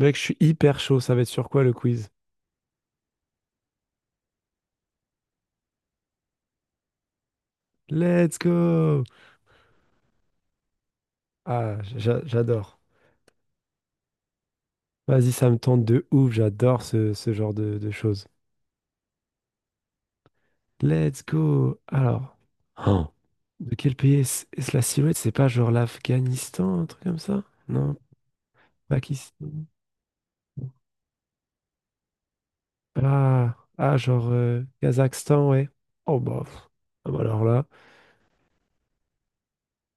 Mec, je suis hyper chaud. Ça va être sur quoi le quiz? Let's go! J'adore. Vas-y, ça me tente de ouf. J'adore ce genre de choses. Let's go! Alors, Oh. De quel pays est-ce la silhouette? C'est pas genre l'Afghanistan, un truc comme ça? Non, Pakistan. Ah, ah genre Kazakhstan, ouais. Oh, bah. Pff. Ah bah alors là,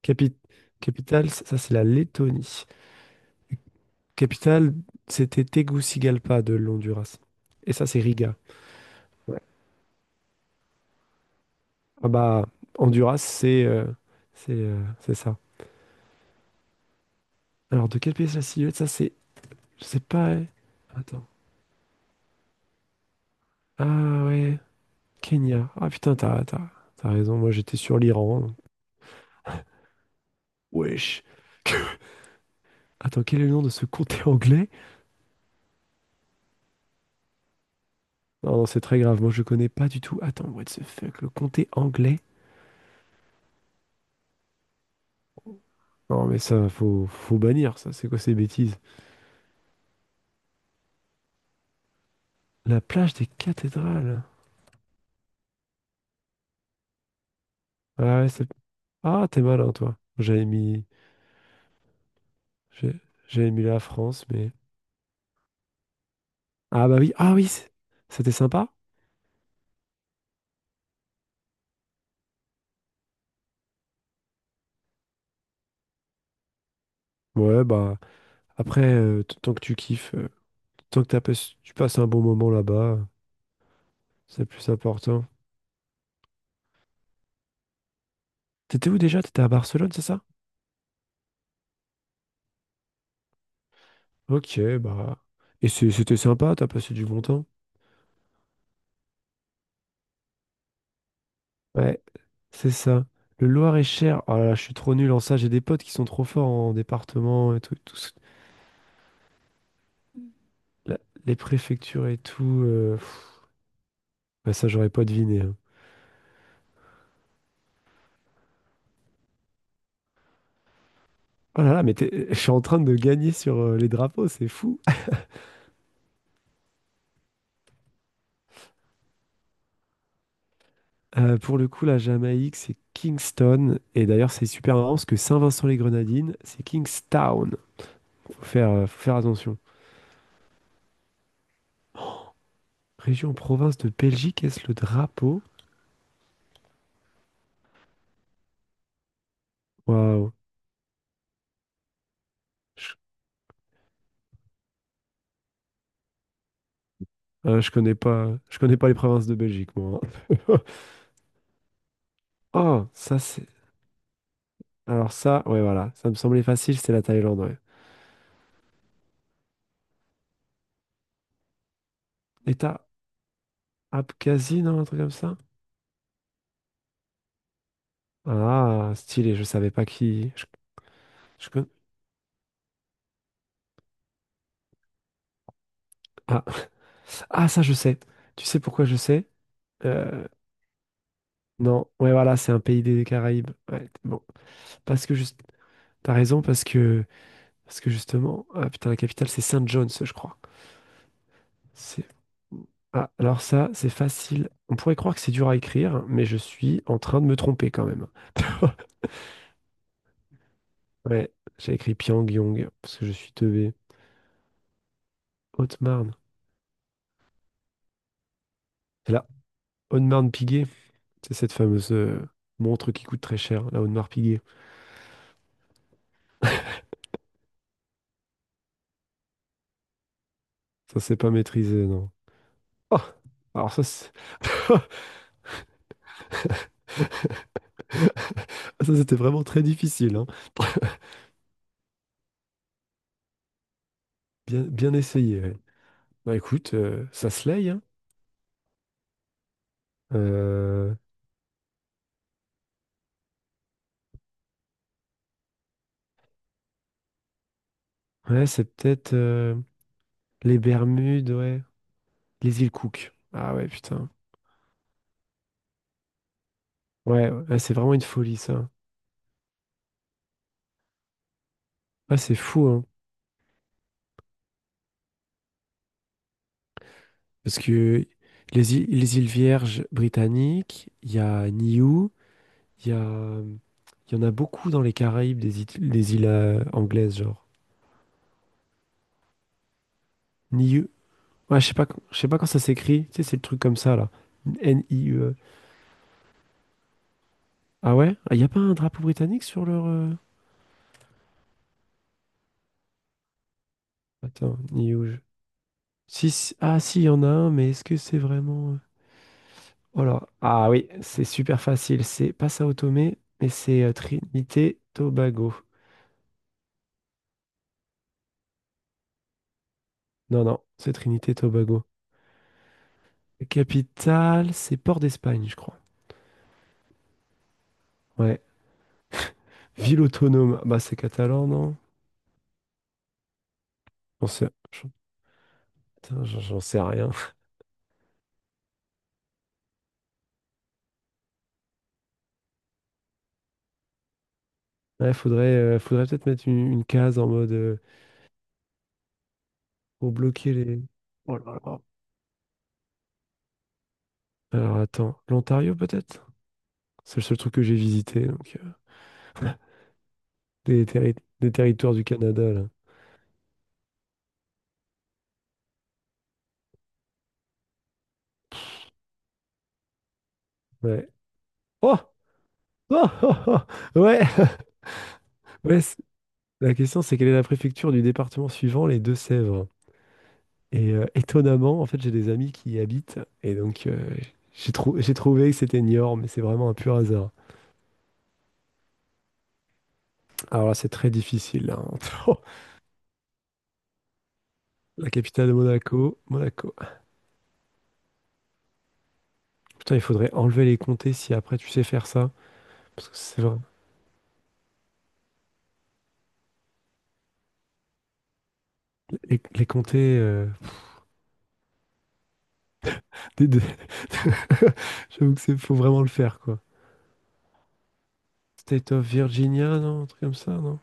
capi- capitale, ça, c'est la Lettonie. Capitale, c'était Tegucigalpa de l'Honduras. Et ça, c'est Riga. Ouais. Ah bah, Honduras, c'est c'est ça. Alors, de quel pays c'est la silhouette? Ça, c'est. Je sais pas. Hein. Attends. Ah ouais. Kenya. Ah putain, t'as raison. Moi, j'étais sur l'Iran. Donc... Wesh. Attends, quel est le nom de ce comté anglais? Non, non, c'est très grave. Moi, je connais pas du tout. Attends, what the fuck? Le comté anglais? Non, mais ça, faut bannir ça. C'est quoi ces bêtises? La plage des cathédrales. Ah ouais, c'est. Ah, t'es malin, toi. J'avais mis. j'ai- J'avais mis la France, mais. Ah bah oui, ah oui, c'était sympa. Ouais, bah après, tant que tu kiffes, tant que t'as pas- tu passes un bon moment là-bas, c'est le plus important. T'étais où déjà? T'étais à Barcelone, c'est ça? Ok, bah. Et c'était sympa, t'as passé du bon temps. Ouais, c'est ça. Le Loir-et-Cher, oh là là, je suis trop nul en ça, j'ai des potes qui sont trop forts en département et tout, la- les préfectures et tout. Bah ça, j'aurais pas deviné. Hein. Oh là là, je suis en train de gagner sur les drapeaux, c'est fou. Pour le coup, la Jamaïque, c'est Kingston. Et d'ailleurs, c'est super marrant parce que Saint-Vincent-les-Grenadines, c'est Kingstown. Faut faire attention. Région province de Belgique, est-ce le drapeau? Waouh. Je, je connais pas, je connais pas les provinces de Belgique, moi. Hein. Oh, ça c'est. Alors ça, ouais, voilà. Ça me semblait facile, c'est la Thaïlande, ouais. État Abkhazie, non, un truc comme ça? Ah, stylé, je savais pas qui. Je con- Ah, ah, ça je sais. Tu sais pourquoi je sais? Euh, Non, ouais, voilà, c'est un pays des Caraïbes. Ouais, bon, parce que juste, t'as raison, parce que justement, ah, putain, la capitale, c'est Saint John's, je crois. C'est, ah, alors ça, c'est facile. On pourrait croire que c'est dur à écrire, mais je suis en train de me tromper quand même. Ouais, j'ai écrit Pyongyang parce que je suis tevé. Haute-Marne, c'est la Haute-Marne-Piguet. C'est cette fameuse montre qui coûte très cher, la Audemars Piguet. Ça, c'est pas maîtrisé, non. Oh, alors ça, c'est... Ça, c'était vraiment très difficile, hein. Bien, bien essayé, ouais. Bah écoute, ça se laye, hein. Euh, ouais, c'est peut-être les Bermudes, ouais. Les îles Cook. Ah ouais, putain. Ouais, ouais, c'est vraiment une folie, ça. Ouais, c'est fou, hein. Parce que les îles Vierges britanniques, il y a Niue, il y a... Il y en a beaucoup dans les Caraïbes, des îles anglaises, genre. Niue. Ouais, je sais pas, je sais pas quand ça s'écrit. Tu sais, c'est le truc comme ça, là. N i U. Ah ouais? Il n'y a pas un drapeau britannique sur leur... Attends, ni où je- Ah si, il y en a un, mais est-ce que c'est vraiment... Oh là. Ah oui, c'est super facile. C'est pas Sao Tomé, mais c'est Trinité Tobago. Non, non, c'est Trinité Tobago. Capitale, c'est Port d'Espagne, je crois. Ouais. Ville autonome. Bah c'est catalan, non? J'en sais... j'en- Putain, j'en sais rien. Ouais, faudrait peut-être mettre une case en mode... pour bloquer les... Oh là là. Alors attends, l'Ontario peut-être? C'est le seul truc que j'ai visité, donc des territoires du Canada, là. Ouais. Oh! Oh! Oh! Oh ouais! Ouais, la question, c'est quelle est la préfecture du département suivant, les Deux-Sèvres? Et étonnamment, en fait, j'ai des amis qui y habitent, et donc j'ai trouvé que c'était Niort, mais c'est vraiment un pur hasard. Alors là, c'est très difficile, hein. La capitale de Monaco, Monaco. Putain, il faudrait enlever les comtés si après tu sais faire ça, parce que c'est vrai, les comtés... des- des- J'avoue que c'est faut vraiment le faire, quoi. State of Virginia, non? Un truc comme ça, non?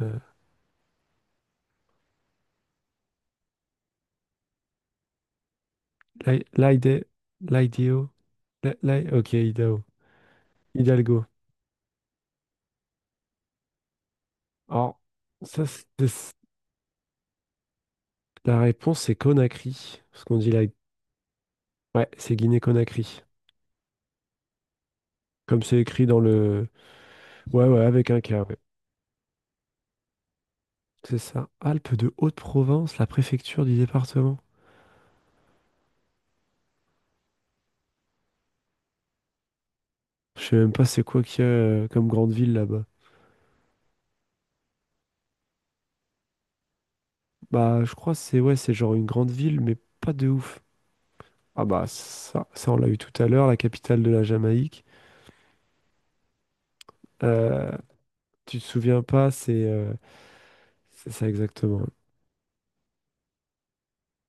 Euh, Li- Lide- Lideo. Ok, Idaho. Hidalgo. Alors, ça, c'est- la réponse, c'est Conakry. Parce qu'on dit là. Ouais, c'est Guinée-Conakry. Comme c'est écrit dans le. Ouais, ouais, avec un K, ouais. C'est ça. Alpes de Haute-Provence, la préfecture du département. Je sais même pas c'est quoi qu'il y a comme grande ville là-bas. Bah, je crois que c'est ouais, c'est genre une grande ville, mais pas de ouf. Ah bah ça, ça on l'a eu tout à l'heure, la capitale de la Jamaïque. Euh, Tu te souviens pas, c'est ça exactement.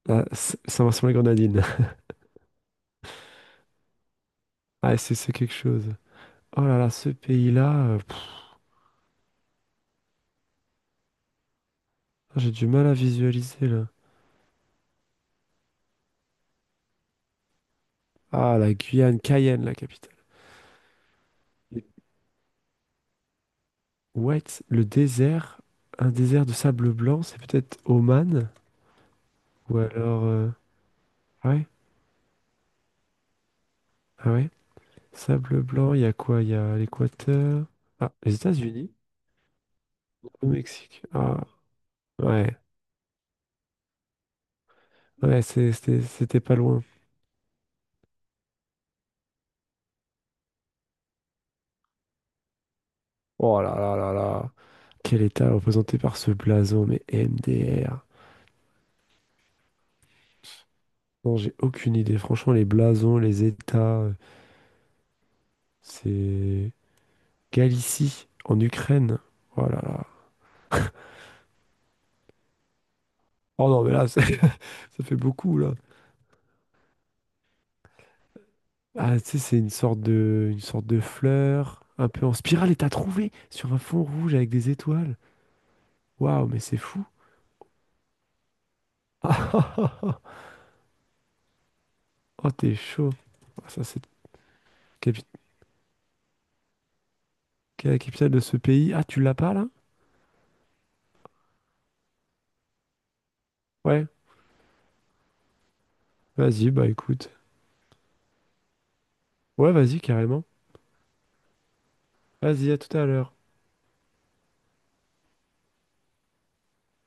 Ah, ça ressemble à la grenadine. Ah, c'est quelque chose. Oh là là, ce pays-là, j'ai du mal à visualiser là. Ah, la Guyane, Cayenne, la capitale. Et... Ouais, le désert, un désert de sable blanc, c'est peut-être Oman ou alors ah ouais, ah ouais, sable blanc. Il y a quoi? Il y a l'Équateur. Ah, les États-Unis, au Mexique. Ah ouais. Ouais, c'était pas loin. Oh là là là là. Quel état représenté par ce blason, mais MDR. Non, j'ai aucune idée. Franchement, les blasons, les états, c'est Galicie, en Ukraine. Oh là là. Oh non, mais ça fait beaucoup, là. Ah, tu sais, c'est une sorte de fleur, un peu en spirale, et t'as trouvé sur un fond rouge avec des étoiles. Waouh, mais c'est fou. Oh, t'es chaud. Ah, ça, c'est la capi- la capitale de ce pays. Ah, tu l'as pas, là? Ouais. Vas-y, bah écoute. Ouais, vas-y, carrément. Vas-y, à tout à l'heure.